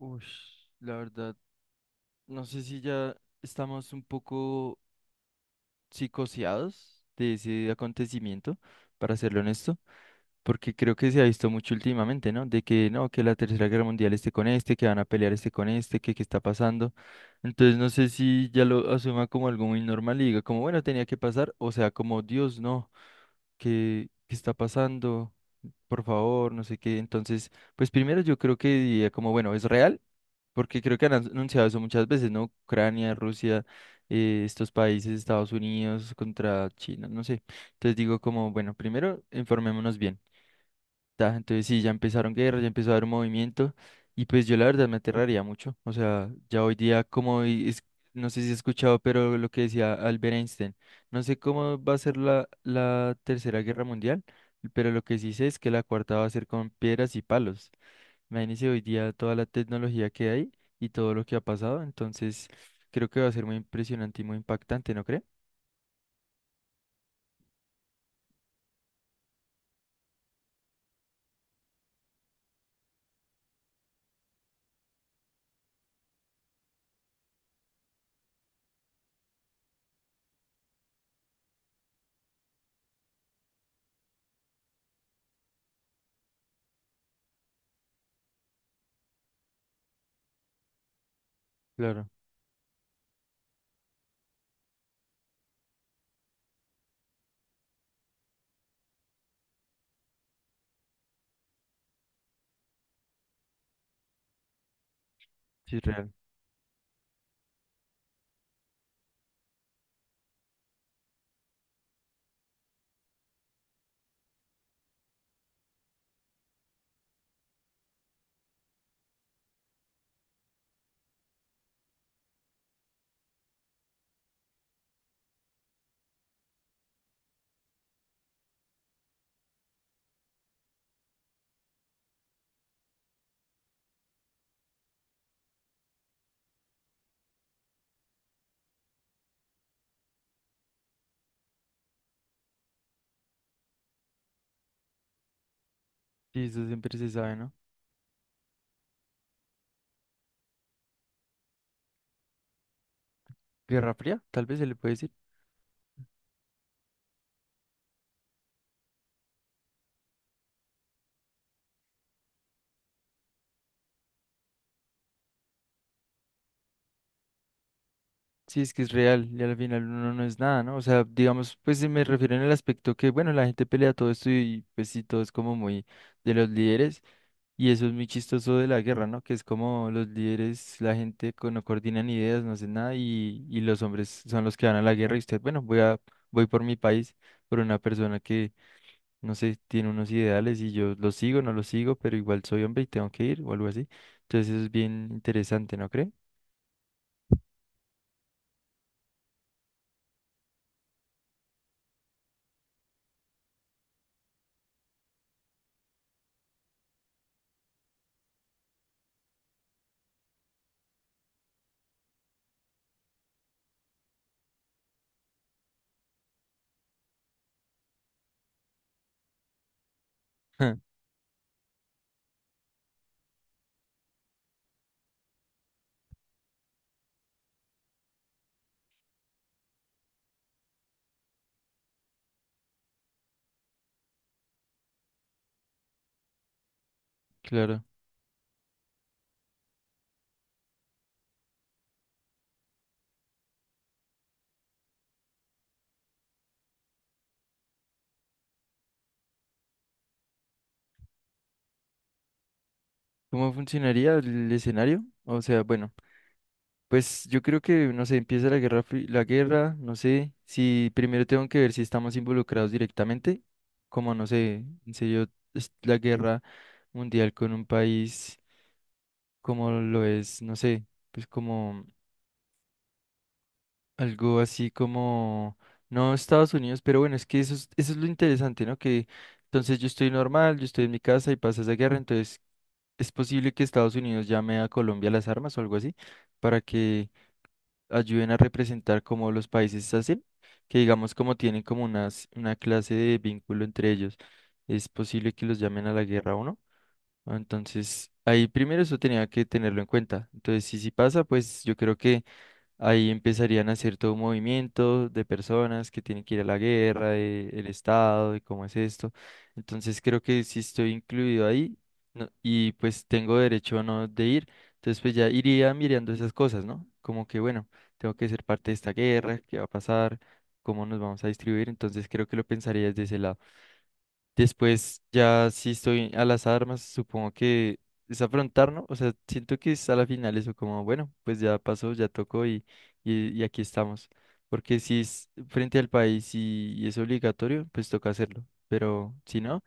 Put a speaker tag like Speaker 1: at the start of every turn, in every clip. Speaker 1: Ush, la verdad, no sé si ya estamos un poco psicoseados de ese acontecimiento, para serlo honesto, porque creo que se ha visto mucho últimamente, ¿no? De que no, que la Tercera Guerra Mundial esté con este, que van a pelear este con este, que qué está pasando. Entonces no sé si ya lo asuma como algo muy normal y diga como, bueno, tenía que pasar, o sea, como Dios, no. ¿Qué está pasando? Por favor, no sé qué. Entonces, pues primero yo creo que diría como, bueno, ¿es real? Porque creo que han anunciado eso muchas veces, ¿no? Ucrania, Rusia, estos países, Estados Unidos contra China, no sé. Entonces digo como, bueno, primero informémonos bien. Ta, entonces sí, ya empezaron guerras, ya empezó a haber movimiento y pues yo la verdad me aterraría mucho. O sea, ya hoy día como, no sé si has escuchado, pero lo que decía Albert Einstein, no sé cómo va a ser la tercera guerra mundial, pero lo que sí sé es que la cuarta va a ser con piedras y palos. Imagínense hoy día toda la tecnología que hay y todo lo que ha pasado, entonces creo que va a ser muy impresionante y muy impactante, ¿no cree? Claro, sí, es real. Sí, eso siempre se sabe, ¿no? Guerra Fría, tal vez se le puede decir. Sí, es que es real y al final uno no es nada, ¿no? O sea, digamos, pues se me refiero en el aspecto que, bueno, la gente pelea todo esto y pues sí, todo es como muy de los líderes y eso es muy chistoso de la guerra, ¿no? Que es como los líderes, no coordinan ideas, no hacen nada y los hombres son los que van a la guerra y usted, bueno, voy a, voy por mi país, por una persona que, no sé, tiene unos ideales y yo los sigo, no los sigo, pero igual soy hombre y tengo que ir o algo así. Entonces eso es bien interesante, ¿no cree? Claro. ¿Cómo funcionaría el escenario? O sea, bueno, pues yo creo que, no sé, empieza la guerra, la guerra, no sé, si primero tengo que ver si estamos involucrados directamente, como, no sé, en serio, es la guerra mundial con un país como lo es, no sé, pues como algo así como, no Estados Unidos, pero bueno, es que eso es lo interesante, ¿no? Que entonces yo estoy normal, yo estoy en mi casa y pasa esa guerra, entonces... ¿Es posible que Estados Unidos llame a Colombia las armas o algo así para que ayuden a representar como los países hacen? Que digamos como tienen como unas, una clase de vínculo entre ellos. ¿Es posible que los llamen a la guerra o no? Entonces, ahí primero eso tenía que tenerlo en cuenta. Entonces, si sí pasa, pues yo creo que ahí empezarían a hacer todo un movimiento de personas que tienen que ir a la guerra, de el Estado, de cómo es esto. Entonces creo que si estoy incluido ahí y pues tengo derecho o no de ir. Entonces pues ya iría mirando esas cosas, ¿no? Como que bueno, tengo que ser parte de esta guerra, qué va a pasar, cómo nos vamos a distribuir. Entonces creo que lo pensaría desde ese lado. Después, ya si estoy a las armas, supongo que es afrontar, ¿no? O sea, siento que es a la final eso como, bueno, pues ya pasó, ya tocó y aquí estamos. Porque si es frente al país y es obligatorio, pues toca hacerlo. Pero si no...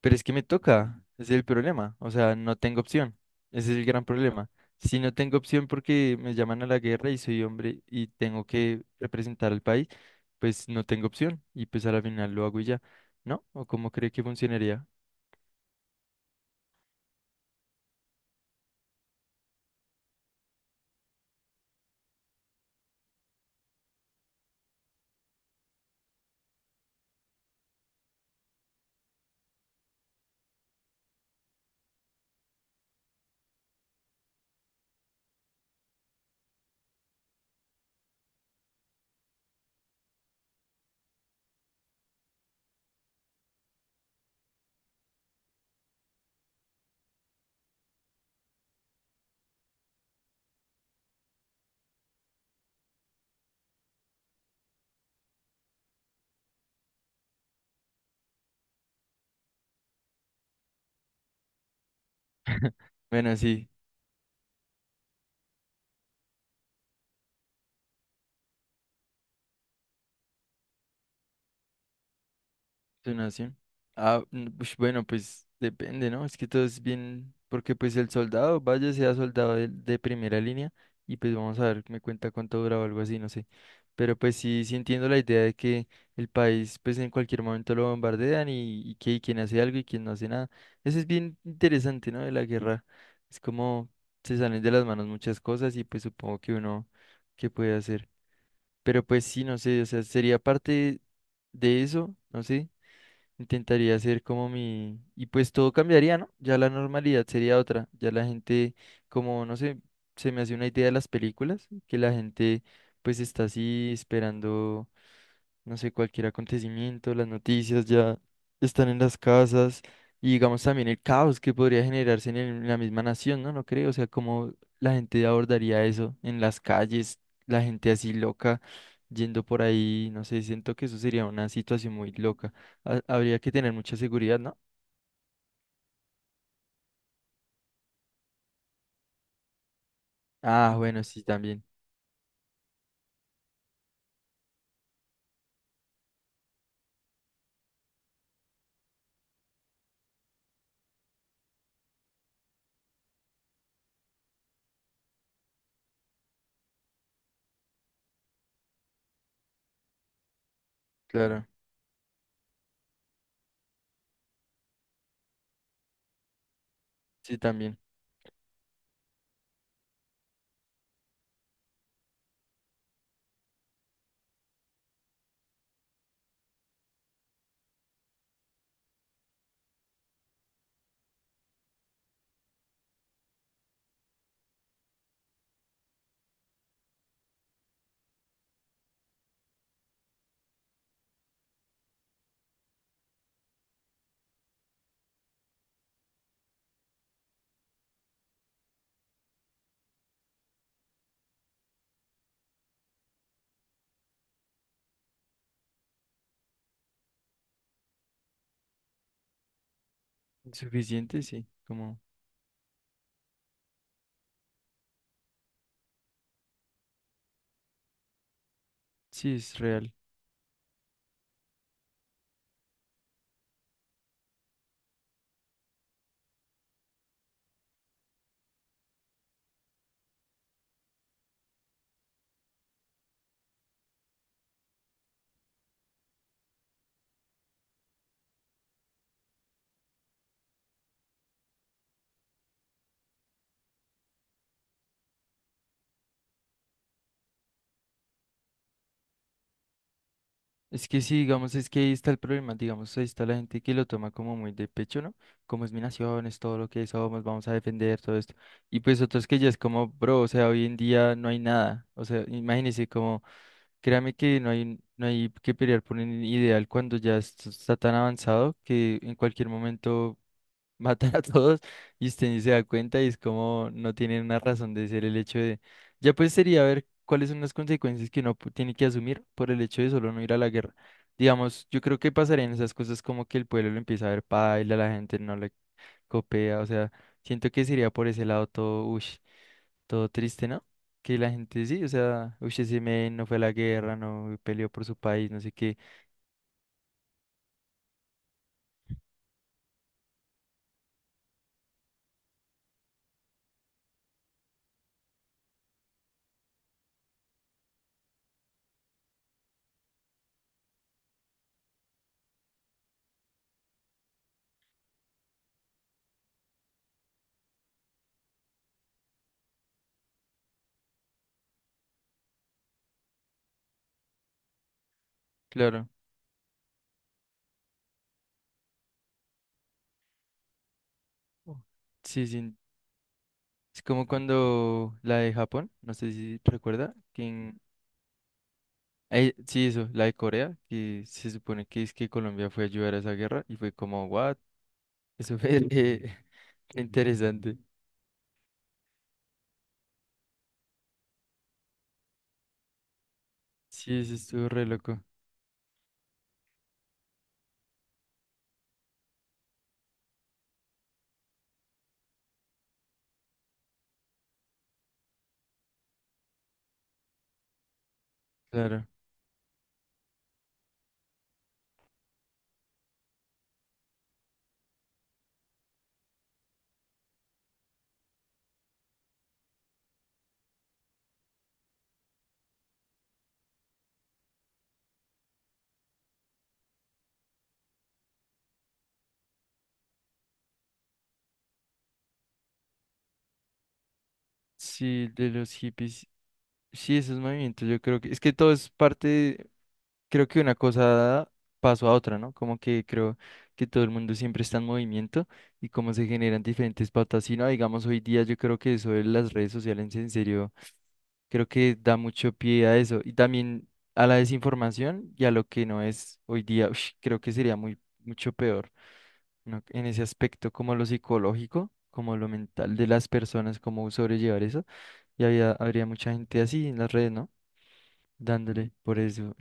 Speaker 1: Pero es que me toca, ese es el problema, o sea, no tengo opción, ese es el gran problema. Si no tengo opción porque me llaman a la guerra y soy hombre y tengo que representar al país, pues no tengo opción y pues a la final lo hago y ya, ¿no? ¿O cómo cree que funcionaría? Bueno, sí. Suena así. Ah, mm, ush, bueno, pues depende, ¿no? Es que todo es bien, porque pues el soldado, vaya, sea soldado de primera línea, y pues vamos a ver, me cuenta cuánto dura o algo así, no sé. Pero pues sí, sí entiendo la idea de que el país pues en cualquier momento lo bombardean y que y quien hace algo y quien no hace nada. Eso es bien interesante, ¿no? De la guerra. Es como se salen de las manos muchas cosas y pues supongo que uno, ¿qué puede hacer? Pero pues sí, no sé, o sea, sería parte de eso, no sé, intentaría hacer como mi... Y pues todo cambiaría, ¿no? Ya la normalidad sería otra. Ya la gente, como, no sé, se me hace una idea de las películas, que la gente pues está así esperando, no sé, cualquier acontecimiento, las noticias ya están en las casas y digamos también el caos que podría generarse en, en la misma nación, ¿no? No creo, o sea, como la gente abordaría eso en las calles, la gente así loca, yendo por ahí, no sé, siento que eso sería una situación muy loca. Habría que tener mucha seguridad, ¿no? Ah, bueno, sí, también. Claro, sí, también. Suficiente, sí, como, sí, es real. Es que sí, digamos, es que ahí está el problema, digamos, ahí está la gente que lo toma como muy de pecho, ¿no? Como es mi nación, es todo lo que somos, vamos a defender todo esto. Y pues otros que ya es como, bro, o sea, hoy en día no hay nada. O sea, imagínense como, créame que no hay que pelear por un ideal cuando ya esto está tan avanzado que en cualquier momento matan a todos y usted ni se da cuenta y es como no tienen una razón de ser el hecho de... Ya pues sería ver cuáles son las consecuencias que tiene que asumir por el hecho de solo no ir a la guerra. Digamos, yo creo que pasarían esas cosas como que el pueblo lo empieza a ver paila, la gente no le copea, o sea, siento que sería por ese lado todo, ush, todo triste, ¿no? Que la gente sí, o sea, ush, ese men no fue a la guerra, no peleó por su país, no sé qué. Claro. Oh. Sí, sí, es como cuando la de Japón, no sé si recuerda, sí, eso, la de Corea, que se supone que es que Colombia fue a ayudar a esa guerra y fue como, what? Eso fue interesante. Sí, eso estuvo re loco, claro. Sí, de los hippies, sí, esos movimientos, yo creo que, es que todo es parte, creo que una cosa dada pasó a otra, ¿no? Como que creo que todo el mundo siempre está en movimiento y cómo se generan diferentes pautas. Si no, digamos, hoy día yo creo que eso de las redes sociales en serio creo que da mucho pie a eso y también a la desinformación y a lo que no es hoy día. Ush, creo que sería muy, mucho peor, ¿no? En ese aspecto, como lo psicológico, como lo mental de las personas, cómo sobrellevar eso. Y habría mucha gente así en las redes, ¿no? Dándole por eso.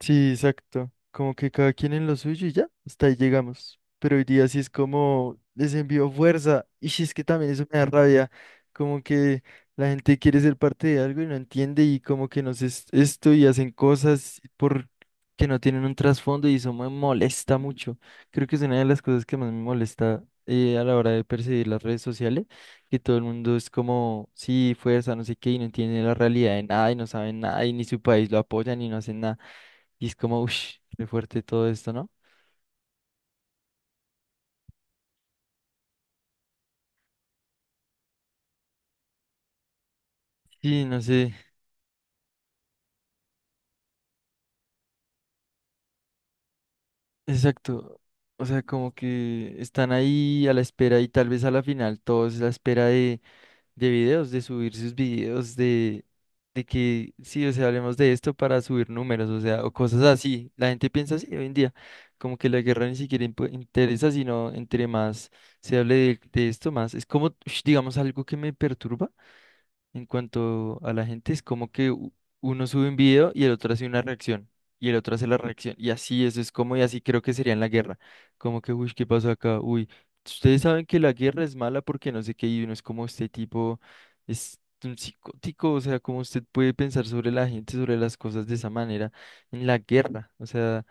Speaker 1: Sí, exacto. Como que cada quien en lo suyo y ya, hasta ahí llegamos. Pero hoy día sí es como les envío fuerza. Y sí es que también eso me da rabia. Como que la gente quiere ser parte de algo y no entiende y como que nos es esto y hacen cosas por que no tienen un trasfondo y eso me molesta mucho. Creo que es una de las cosas que más me molesta a la hora de percibir las redes sociales, que todo el mundo es como, sí, fuerza, no sé qué, y no entiende la realidad de nada y no saben nada y ni su país lo apoya ni no hacen nada. Y es como, uff, qué fuerte todo esto, ¿no? Sí, no sé, exacto. O sea, como que están ahí a la espera y tal vez a la final todos a la espera de videos, de subir sus videos, de que sí, o sea, hablemos de esto para subir números, o sea, o cosas así. La gente piensa así hoy en día, como que la guerra ni siquiera interesa, sino entre más se hable de esto, más. Es como, ush, digamos, algo que me perturba. En cuanto a la gente, es como que uno sube un video y el otro hace una reacción y el otro hace la reacción. Y así, eso es como, y así creo que sería en la guerra. Como que, uy, ¿qué pasa acá? Uy, ustedes saben que la guerra es mala porque no sé qué, y uno es como este tipo, es un psicótico, o sea, cómo usted puede pensar sobre la gente, sobre las cosas de esa manera en la guerra. O sea.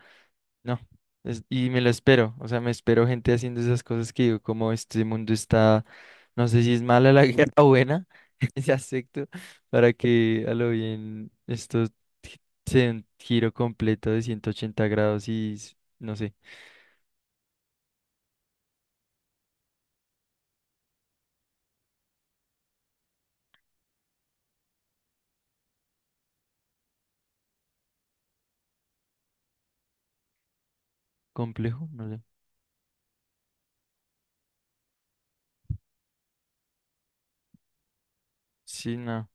Speaker 1: No, y me lo espero, o sea, me espero gente haciendo esas cosas que digo, como este mundo está, no sé si es mala la guerra o buena, ese aspecto, para que a lo bien esto gi- sea un giro completo de 180 grados y, no sé, complejo, no sé. Sí, no,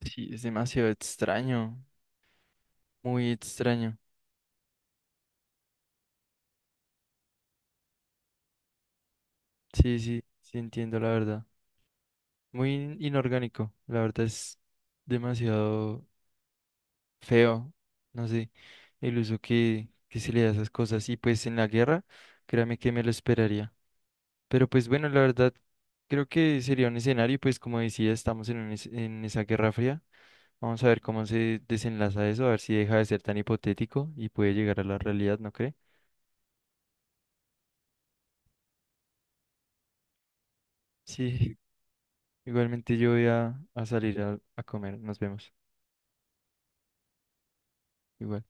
Speaker 1: sí, es demasiado extraño, muy extraño. Sí, sí, sí entiendo la verdad. Muy inorgánico, la verdad es demasiado feo, no sé, el uso que se le da a esas cosas. Y pues en la guerra, créame que me lo esperaría. Pero pues bueno, la verdad, creo que sería un escenario, y, pues como decía, estamos en, en esa guerra fría. Vamos a ver cómo se desenlaza eso, a ver si deja de ser tan hipotético y puede llegar a la realidad, ¿no cree? Sí, igualmente yo voy a salir a comer, nos vemos. Igual.